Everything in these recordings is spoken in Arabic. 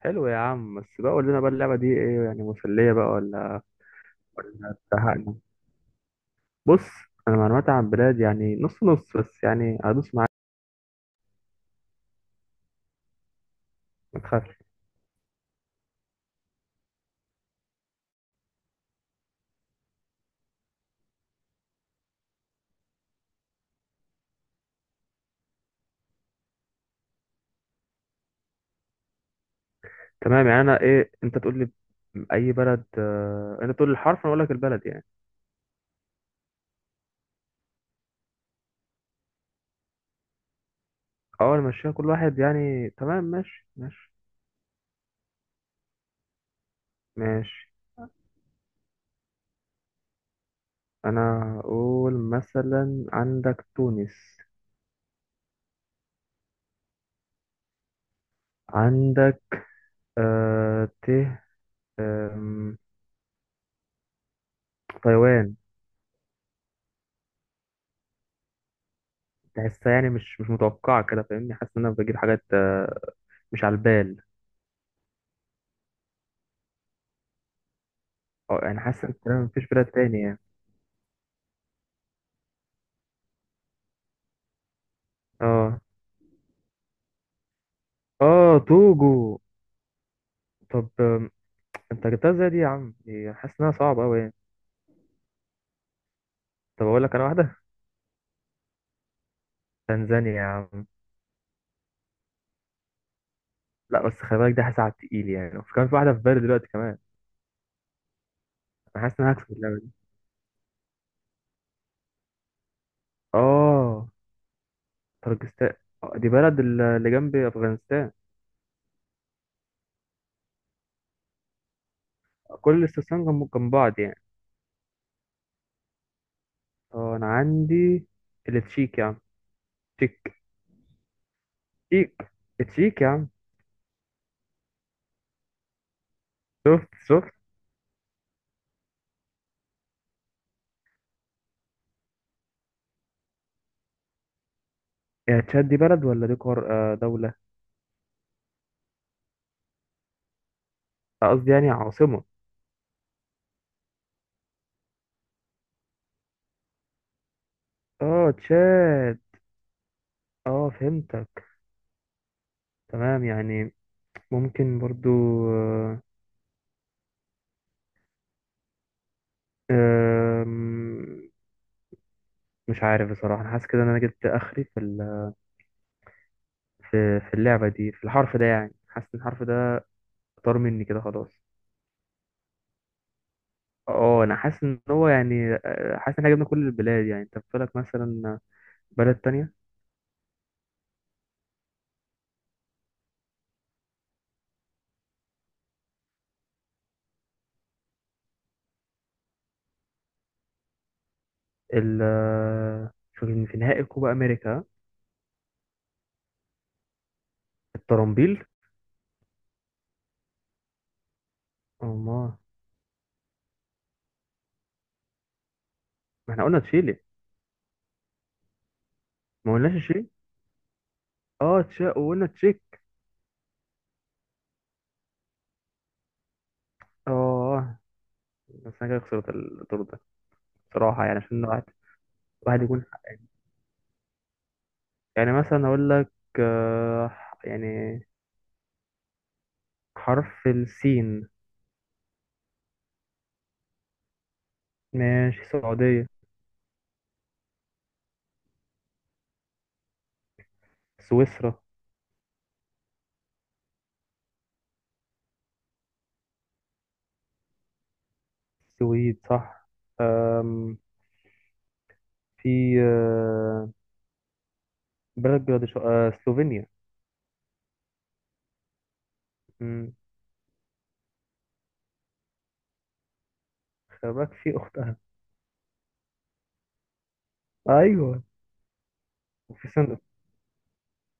حلو يا عم، بس بقى قول لنا بقى اللعبة دي ايه، يعني مسلية بقى ولا زهقنا؟ بص، انا معلوماتي عن بلاد يعني نص نص، بس يعني هدوس معاك. ما تخافش. تمام، يعني انا ايه، انت تقول لي اي بلد، انت تقول لي الحرف انا اقول لك البلد يعني. اول ماشيها كل واحد يعني، تمام، ماشي ماشي ماشي. انا اقول مثلا عندك تونس، عندك، آه ت آم، تايوان. تحسها يعني مش متوقعة كده، فاهمني، حاسس ان انا بجيب حاجات، مش على البال. اه يعني حاسس ان تقريباً مفيش بلاد تاني يعني، اه اه توجو. طب، انت جبتها ازاي دي يا عم؟ دي حاسس انها صعبة اوي يعني. طب اقول لك انا واحدة: تنزانيا يا عم. لا بس خلي بالك دي، حاسس على التقيل يعني، وفي كمان في واحدة في بالي دلوقتي كمان. انا حاسس ان انا هكسب اللعبة دي. اه طرجستان. دي بلد اللي جنب افغانستان. كل الاستسلام جنب جنب بعض يعني. اه انا عندي التشيك يا عم، تشيك تشيك، التشيك يا عم، شفت شفت. يا تشاد، دي بلد ولا دي قار، دولة؟ قصدي يعني عاصمة. اه تشاد. اه فهمتك، تمام يعني، ممكن برضو. آه، آم، مش عارف بصراحة، أنا حاسس كده إن أنا جبت آخري في في اللعبة دي، في الحرف ده يعني، حاسس إن الحرف ده طار مني كده خلاص. اه أنا حاسس إن هو يعني، حاسس إن إحنا جبنا كل البلاد يعني، أنت بتقولك مثلا بلد تانية. ال آه، شوف إن في نهائي كوبا أمريكا الطرنبيل. أمال؟ ما إحنا قلنا تشيلي. ما قلناش تشيلي. اه تشا وقلنا تشيك. اه بس انا كده خسرت الدور ده بصراحة، يعني عشان واحد يكون، يعني مثلا اقول لك، آه، يعني حرف السين. ماشي السعودية، سويسرا، السويد صح. آم، في، بلد بلاد سلوفينيا. مم، خلي بالك في اختها، ايوه. وفي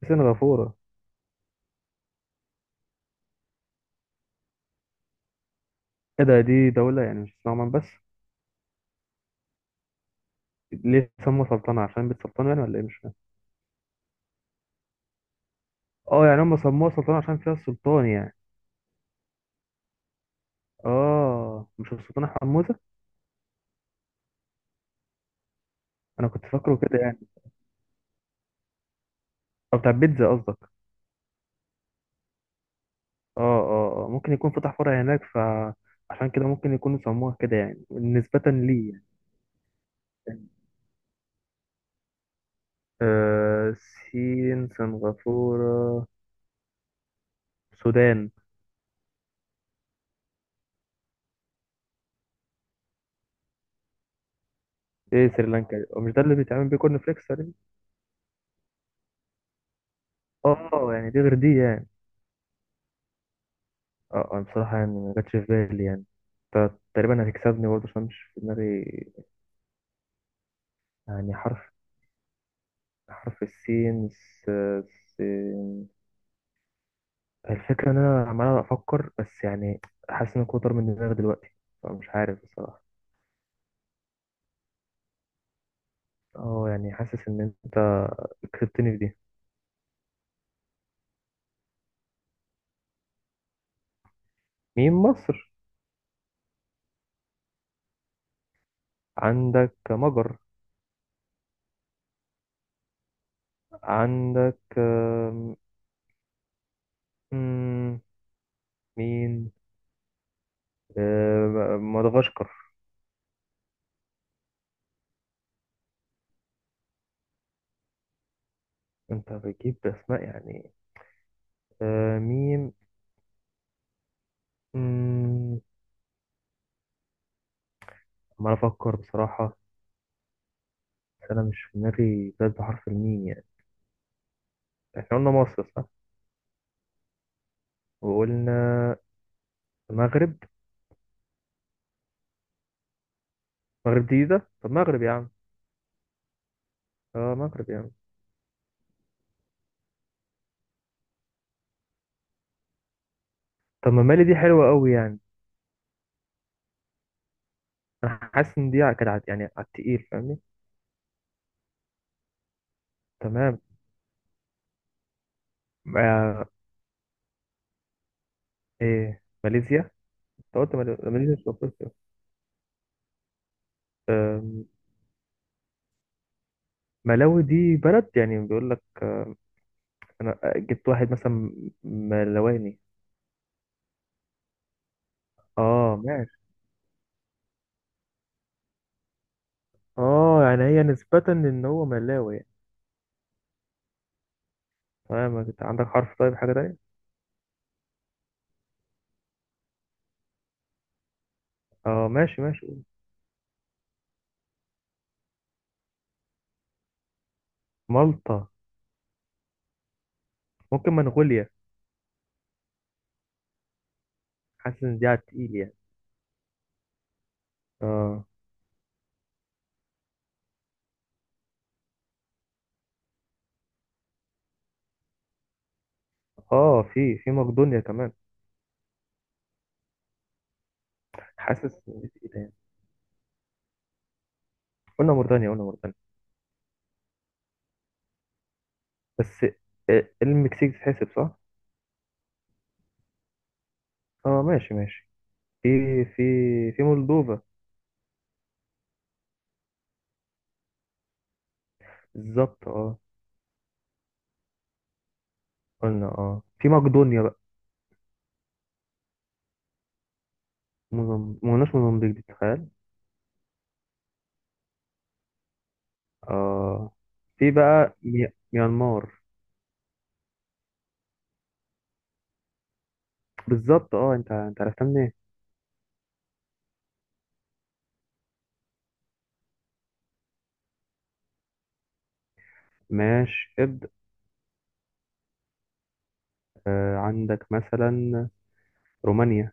في سنغافورة. ايه ده؟ دي دولة يعني، مش اسمها عمان بس؟ ليه سموها سلطنة؟ عشان بيت سلطان يعني ولا ايه؟ مش فاهم. اه يعني هم سموها سلطنة عشان فيها السلطان يعني. اه مش السلطان حموزة؟ انا كنت فاكره كده يعني. او بتاع بيتزا قصدك؟ اه اه، ممكن يكون فتح فرع هناك فعشان كده ممكن يكونوا سموها كده يعني نسبة لي يعني. آه سين، سنغافورة، السودان. ايه سريلانكا، هو مش ده اللي بيتعمل بيه كورن فليكس تقريبا؟ اه يعني دي غير دي يعني. اه انا بصراحة يعني ما جاتش في بالي يعني. تقريبا هتكسبني برضه عشان مش في دماغي يعني، حرف السين. س... الفكرة إن أنا عمال أفكر بس يعني، حاسس إن كتر من دماغي دلوقتي، فمش عارف بصراحة. أه يعني حاسس إن أنت كسبتني في دي. مين مصر؟ عندك مجر، عندك آم، مم، مين، مدغشقر. أنت بتجيب أسماء يعني. ميم. مم، عمال أفكر بصراحة، بس أنا مش في دماغي بلد بحرف الميم يعني. إحنا قلنا مصر صح، وقلنا المغرب. المغرب دي ده، طب المغرب يا عم. اه مغرب يعني. طب ما مالي دي حلوة قوي يعني. انا حاسس ان دي كانت يعني على التقيل، فاهمني. تمام. ما ايه ماليزيا، انت قلت ماليزيا مش في افريقيا؟ آم، ملاوي دي بلد يعني، بيقول لك انا، جبت واحد مثلا ملاواني. اه ماشي. اه يعني هي نسبة ان هو ملاوي يعني. تمام، انت عندك حرف، طيب حاجة تانية؟ اه ماشي ماشي. مالطا. ممكن منغوليا. حاسس ان دي على التقيل يعني. اه اه في مقدونيا كمان. حاسس ان دي تقيلة يعني. قلنا موريتانيا، قلنا موريتانيا. بس، المكسيك تتحسب صح؟ اه ماشي ماشي، في في في مولدوفا. بالظبط اه. قلنا اه، في مقدونيا بقى. ما قلناش موزمبيق دي، تخيل. اه في بقى ميانمار. بالظبط اه، انت عرفتها منين؟ ماشي ابدأ. آه عندك مثلا رومانيا.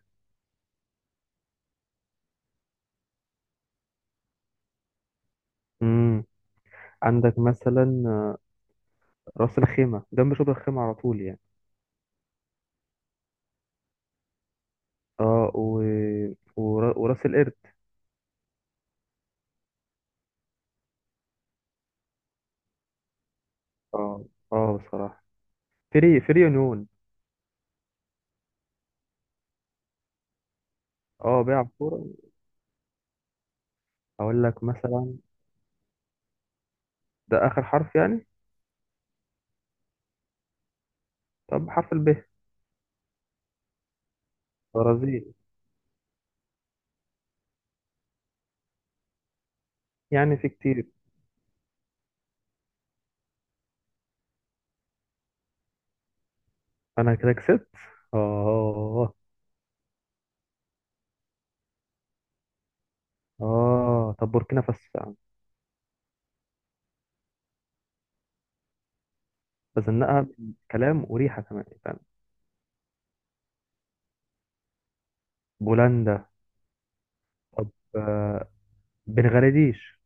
امم عندك مثلا، راس الخيمة جنب شبرا الخيمة على طول يعني. اه، وراس القرد. اه اه بصراحة، فري فري يونيون. اه بيلعب كورة. أقول لك مثلا، ده آخر حرف يعني. طب حرف الب، برازيل. يعني في كتير. أنا كده كسبت. آه، آه طب بوركينا فاسو يا عم. بزنقها، كلام وريحة كمان فاهم. بولندا. طب، آه بنغلاديش.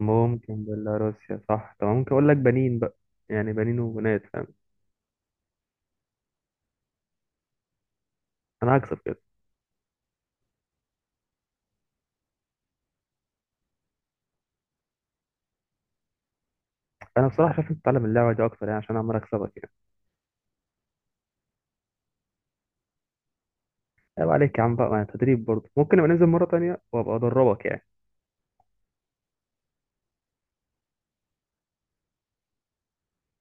ممكن بيلاروسيا صح، طب ممكن أقول لك بنين بقى، يعني بنين وبنات فاهم. أنا هكسب كده. أنا بصراحة شايف أنت تتعلم اللعبة دي أكتر يعني، عشان أنا عمال أكسبك يعني. عيب عليك يا عم بقى، ما أنا تدريب برضه، ممكن نبقى ننزل مرة تانية وأبقى أدربك يعني.